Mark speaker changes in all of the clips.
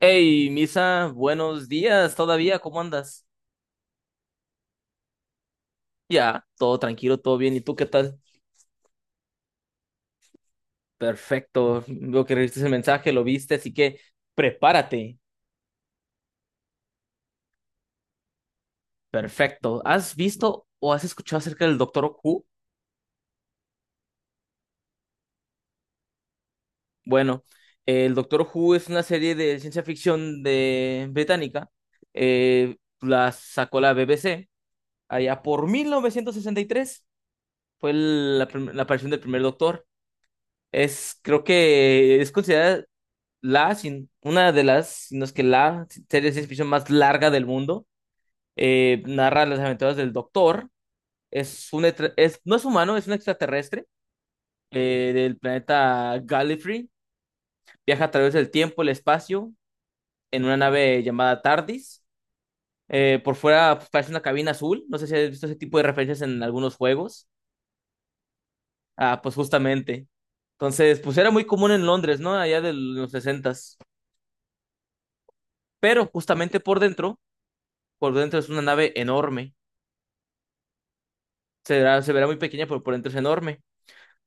Speaker 1: Hey, Misa, buenos días todavía, ¿cómo andas? Ya, todo tranquilo, todo bien, ¿y tú qué tal? Perfecto, veo que recibiste el mensaje, lo viste, así que prepárate. Perfecto. ¿Has visto o has escuchado acerca del Doctor Who? Bueno, el Doctor Who es una serie de ciencia ficción de británica. La sacó la BBC allá por 1963. Fue la aparición del primer Doctor. Es, creo que es considerada la, sin- una de las, si no es que la serie de ciencia ficción más larga del mundo. Narra las aventuras del Doctor. Es un, etra- es, no es humano, es un extraterrestre del planeta Gallifrey. Viaja a través del tiempo, el espacio, en una nave llamada TARDIS. Por fuera, pues, parece una cabina azul. No sé si has visto ese tipo de referencias en algunos juegos. Ah, pues justamente. Entonces, pues era muy común en Londres, ¿no? Allá de los sesentas. Pero justamente por dentro es una nave enorme. Se verá muy pequeña, pero por dentro es enorme.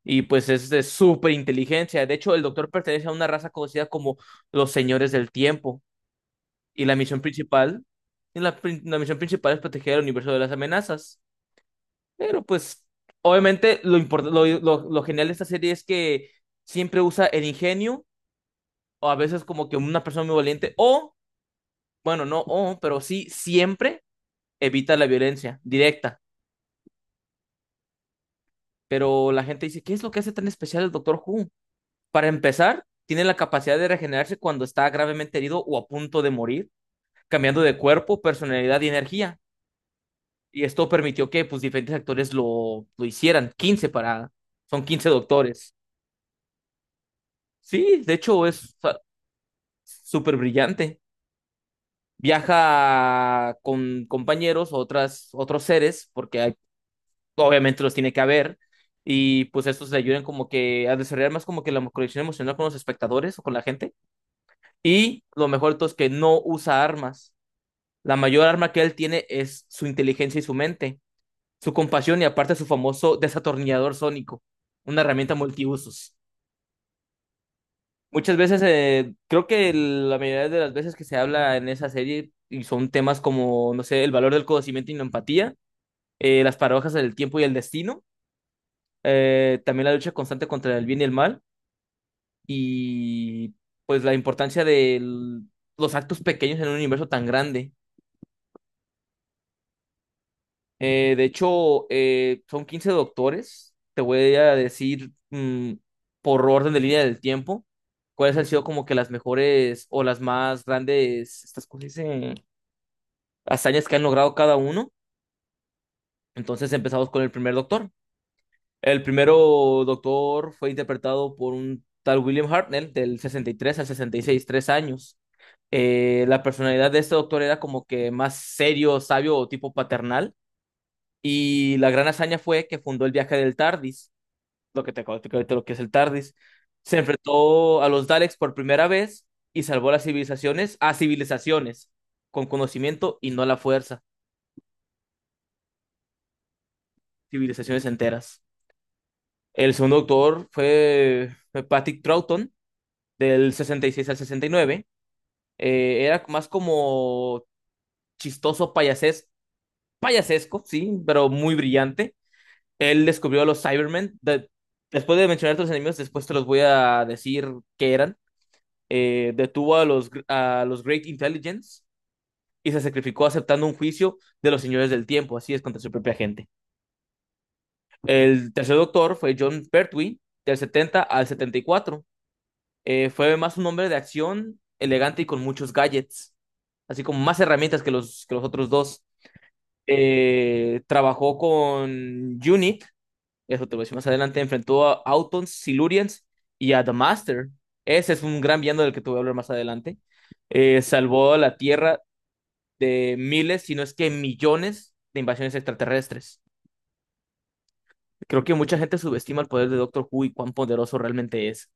Speaker 1: Y pues es de súper inteligencia. De hecho, el doctor pertenece a una raza conocida como los señores del tiempo. Y la misión principal, la misión principal es proteger el universo de las amenazas. Pero pues, obviamente, lo, import- lo genial de esta serie es que siempre usa el ingenio, o a veces como que una persona muy valiente, o, bueno, no, o, pero sí, siempre evita la violencia directa. Pero la gente dice, ¿qué es lo que hace tan especial el Doctor Who? Para empezar, tiene la capacidad de regenerarse cuando está gravemente herido o a punto de morir, cambiando de cuerpo, personalidad y energía. Y esto permitió que pues, diferentes actores lo hicieran. 15 para. Son 15 doctores. Sí, de hecho es o sea, súper brillante. Viaja con compañeros, otros seres, obviamente los tiene que haber. Y pues estos le ayudan como que a desarrollar más como que la conexión emocional con los espectadores o con la gente. Y lo mejor de todo es que no usa armas. La mayor arma que él tiene es su inteligencia y su mente, su compasión y aparte su famoso desatornillador sónico, una herramienta multiusos. Muchas veces, creo que la mayoría de las veces que se habla en esa serie y son temas como, no sé, el valor del conocimiento y la empatía, las paradojas del tiempo y el destino, también la lucha constante contra el bien y el mal y pues la importancia de los actos pequeños en un universo tan grande. De hecho, son 15 doctores. Te voy a decir por orden de línea del tiempo cuáles han sido como que las mejores o las más grandes, estas cosas, dicen, hazañas que han logrado cada uno. Entonces empezamos con el primer doctor. El primero doctor fue interpretado por un tal William Hartnell del 63 al 66, 3 años. La personalidad de este doctor era como que más serio, sabio o tipo paternal. Y la gran hazaña fue que fundó el viaje del TARDIS, lo que te acabo de explicar ahorita, lo que es el TARDIS. Se enfrentó a los Daleks por primera vez y salvó a las civilizaciones, a civilizaciones, con conocimiento y no a la fuerza, civilizaciones enteras. El segundo doctor fue Patrick Troughton, del 66 al 69. Era más como chistoso payasesco, sí, pero muy brillante. Él descubrió a los Cybermen. Después de mencionar a los enemigos, después te los voy a decir qué eran. Detuvo a los Great Intelligence y se sacrificó aceptando un juicio de los señores del tiempo, así es, contra su propia gente. El tercer doctor fue John Pertwee, del 70 al 74. Fue más un hombre de acción, elegante y con muchos gadgets, así como más herramientas que los otros dos. Trabajó con UNIT, eso te lo voy a decir más adelante. Enfrentó a Autons, Silurians y a The Master. Ese es un gran villano del que te voy a hablar más adelante. Salvó a la Tierra de miles, si no es que millones de invasiones extraterrestres. Creo que mucha gente subestima el poder de Doctor Who y cuán poderoso realmente es.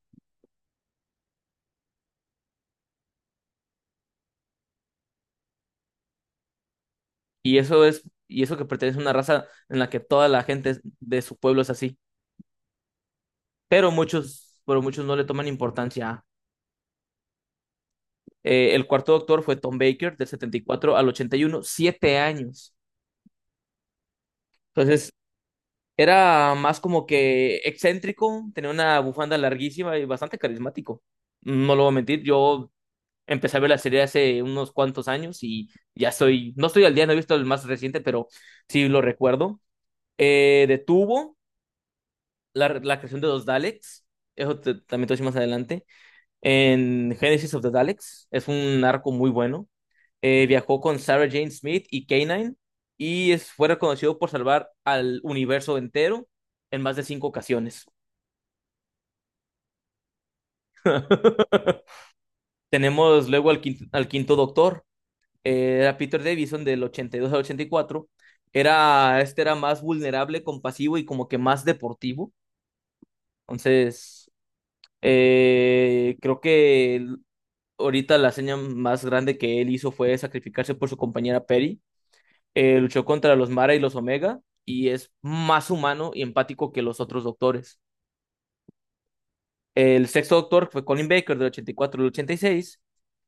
Speaker 1: Y eso que pertenece a una raza en la que toda la gente de su pueblo es así. Pero muchos no le toman importancia. El cuarto doctor fue Tom Baker, del 74 al 81, 7 años. Entonces, era más como que excéntrico, tenía una bufanda larguísima y bastante carismático. No lo voy a mentir, yo empecé a ver la serie hace unos cuantos años y ya estoy, no estoy al día, no he visto el más reciente, pero sí lo recuerdo. Detuvo la creación de los Daleks, también te voy a decir más adelante, en Genesis of the Daleks. Es un arco muy bueno. Viajó con Sarah Jane Smith y K-9 y fue reconocido por salvar al universo entero en más de cinco ocasiones. Tenemos luego al quinto Doctor. Era Peter Davison del 82 al 84. Este era más vulnerable, compasivo y como que más deportivo. Entonces, creo que ahorita la seña más grande que él hizo fue sacrificarse por su compañera Perry. Luchó contra los Mara y los Omega y es más humano y empático que los otros doctores. El sexto doctor fue Colin Baker del 84 al 86.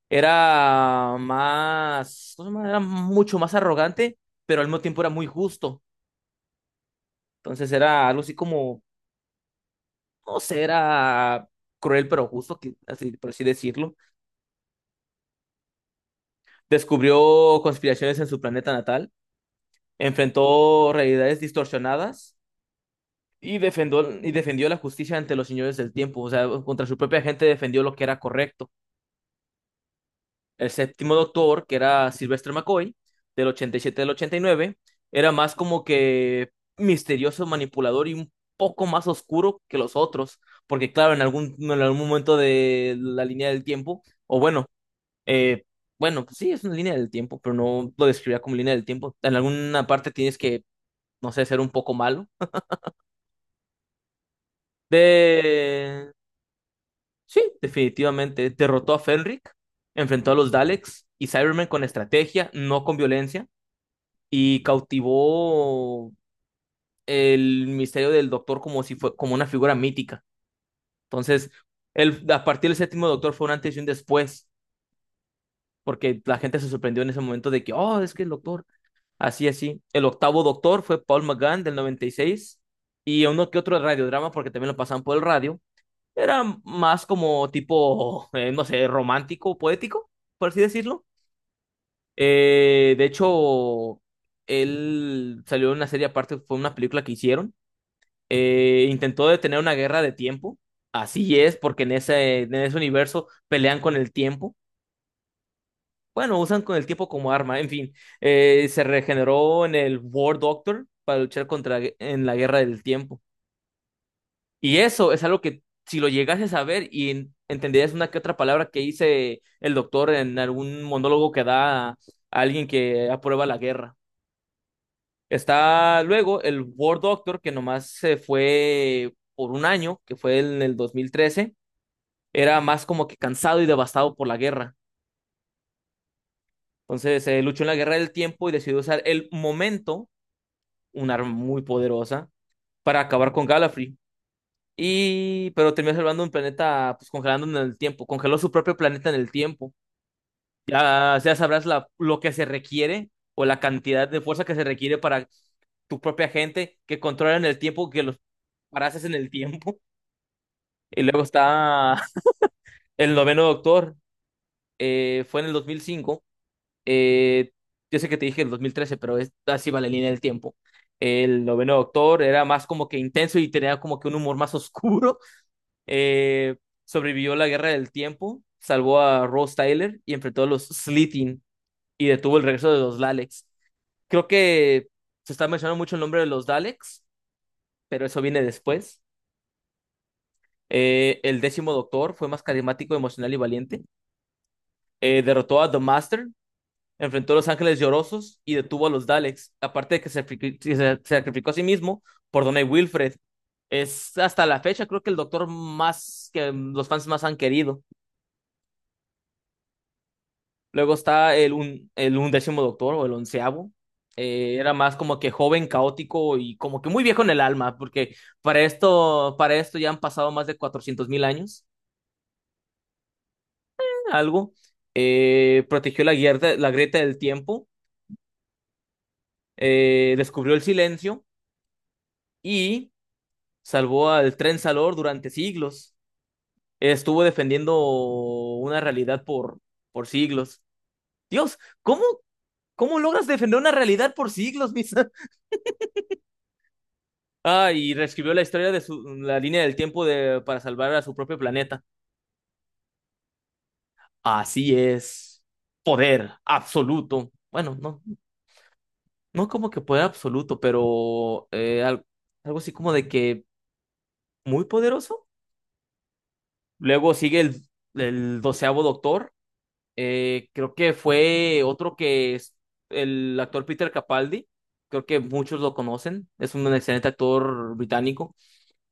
Speaker 1: Era más, ¿cómo se llama? Era mucho más arrogante, pero al mismo tiempo era muy justo. Entonces era algo así como, no sé, era cruel pero justo, así, por así decirlo. Descubrió conspiraciones en su planeta natal. Enfrentó realidades distorsionadas. Y defendió la justicia ante los señores del tiempo, o sea, contra su propia gente defendió lo que era correcto. El séptimo doctor, que era Sylvester McCoy, del 87 al 89, era más como que misterioso, manipulador y un poco más oscuro que los otros, porque claro, en algún momento de la línea del tiempo, o bueno, eh, bueno, pues sí, es una línea del tiempo, pero no lo describía como línea del tiempo. En alguna parte tienes que, no sé, ser un poco malo. De Sí, definitivamente. Derrotó a Fenric, enfrentó a los Daleks y Cybermen con estrategia, no con violencia, y cautivó el misterio del Doctor como si fue como una figura mítica. Entonces, a partir del séptimo Doctor fue un antes y un después, porque la gente se sorprendió en ese momento de que, oh, es que el Doctor, así, así. El octavo Doctor fue Paul McGann del 96 y uno que otro radiodrama, porque también lo pasaban por el radio. Era más como tipo, no sé, romántico, poético, por así decirlo. De hecho, él salió en una serie aparte, fue una película que hicieron. Intentó detener una guerra de tiempo. Así es, porque en ese universo pelean con el tiempo. Bueno, usan con el tiempo como arma, en fin. Se regeneró en el War Doctor para luchar contra en la guerra del tiempo. Y eso es algo que si lo llegases a ver y entenderías una que otra palabra que dice el doctor en algún monólogo que da a alguien que aprueba la guerra. Está luego el War Doctor, que nomás se fue por un año, que fue en el 2013. Era más como que cansado y devastado por la guerra. Entonces luchó en la guerra del tiempo y decidió usar el momento, un arma muy poderosa, para acabar con Gallifrey. Pero terminó salvando un planeta, pues congelando en el tiempo. Congeló su propio planeta en el tiempo. Ya sabrás lo que se requiere o la cantidad de fuerza que se requiere para tu propia gente que controlan el tiempo, que los parases en el tiempo. Y luego está el noveno doctor. Fue en el 2005. eh, yo sé que te dije el 2013, pero así va la línea del tiempo. El noveno doctor era más como que intenso y tenía como que un humor más oscuro. Eh, Sobrevivió la guerra del tiempo, salvó a Rose Tyler y enfrentó a los Slitheen y detuvo el regreso de los Daleks. Creo que se está mencionando mucho el nombre de los Daleks, pero eso viene después. El décimo doctor fue más carismático, emocional y valiente. Derrotó a The Master, enfrentó a los Ángeles Llorosos y detuvo a los Daleks. Aparte de que se sacrificó a sí mismo por Donny Wilfred. Es hasta la fecha, creo que el doctor más que los fans más han querido. Luego está el undécimo doctor o el onceavo. Era más como que joven, caótico y como que muy viejo en el alma, porque para esto ya han pasado más de 400.000 años, algo. Protegió la grieta del tiempo, descubrió el silencio y salvó al Tren Salor durante siglos. Estuvo defendiendo una realidad por siglos. Dios, ¿cómo logras defender una realidad por siglos, mis? Ah, y reescribió la historia de su, la línea del tiempo de, para salvar a su propio planeta. Así es. Poder absoluto. Bueno, no, no como que poder absoluto, pero algo así como de que muy poderoso. Luego sigue el doceavo doctor. Creo que fue otro que es el actor Peter Capaldi. Creo que muchos lo conocen. Es un excelente actor británico.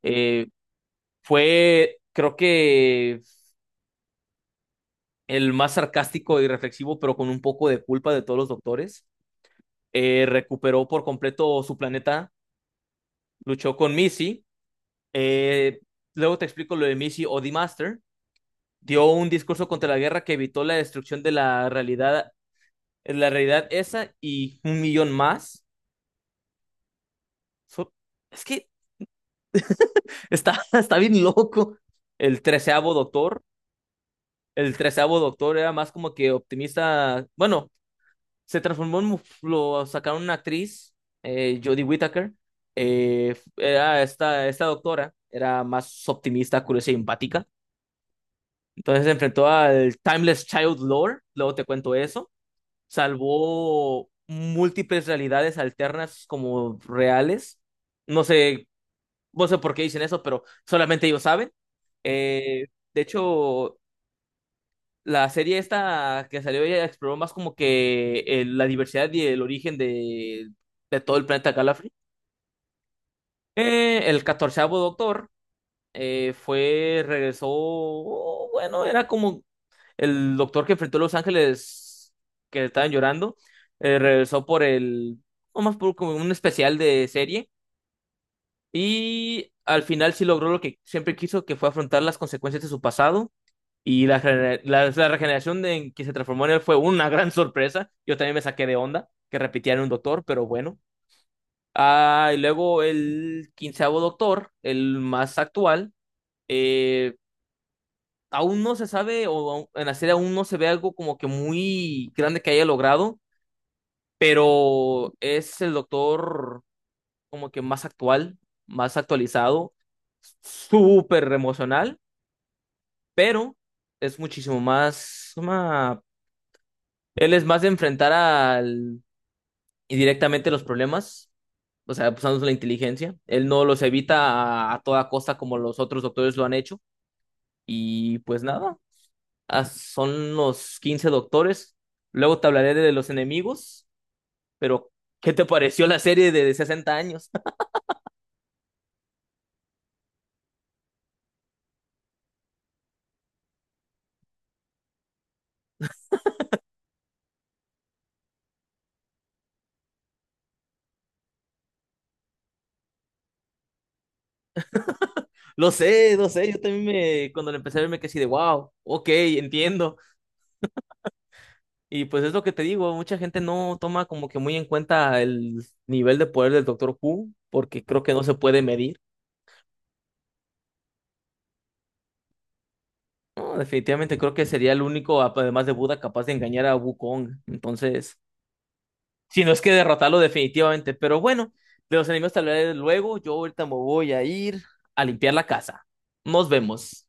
Speaker 1: Eh, Creo que el más sarcástico y reflexivo, pero con un poco de culpa de todos los doctores. Recuperó por completo su planeta, luchó con Missy. Eh, Luego te explico lo de Missy o The Master. Dio un discurso contra la guerra que evitó la destrucción de la realidad esa y un millón más. So- es que está, está bien loco. El treceavo doctor. El treceavo doctor era más como que optimista. Bueno, se transformó en, lo sacaron una actriz, Jodie Whittaker. Esta doctora era más optimista, curiosa y empática. Entonces se enfrentó al Timeless Child Lore, luego te cuento eso. Salvó múltiples realidades alternas como reales. No sé, no sé por qué dicen eso, pero solamente ellos saben. Eh, de hecho, la serie esta que salió ella exploró más como que la diversidad y el origen de todo el planeta Gallifrey. El catorceavo doctor regresó, oh, bueno, era como el doctor que enfrentó a los Ángeles que estaban llorando, regresó nomás por como un especial de serie y al final sí logró lo que siempre quiso, que fue afrontar las consecuencias de su pasado. Y la regeneración de, en que se transformó en él fue una gran sorpresa. Yo también me saqué de onda que repitieran un doctor, pero bueno. Ah, y luego el quinceavo doctor, el más actual, eh, aún no se sabe, o en la serie aún no se ve algo como que muy grande que haya logrado, pero es el doctor como que más actual, más actualizado, súper emocional, pero es muchísimo más... Él es más de enfrentar al... y directamente los problemas, o sea, pues, usando la inteligencia. Él no los evita a toda costa como los otros doctores lo han hecho. Y pues nada, ah, son los 15 doctores. Luego te hablaré de los enemigos, pero ¿qué te pareció la serie de 60 años? Lo sé, yo también me, cuando la empecé a ver me quedé así de, wow, ok, entiendo. Y pues es lo que te digo, mucha gente no toma como que muy en cuenta el nivel de poder del Doctor Who, porque creo que no se puede medir. No, definitivamente creo que sería el único, además de Buda, capaz de engañar a Wukong. Entonces, si no es que derrotarlo definitivamente, pero bueno, de los enemigos tal vez luego, yo ahorita me voy a ir a limpiar la casa. Nos vemos.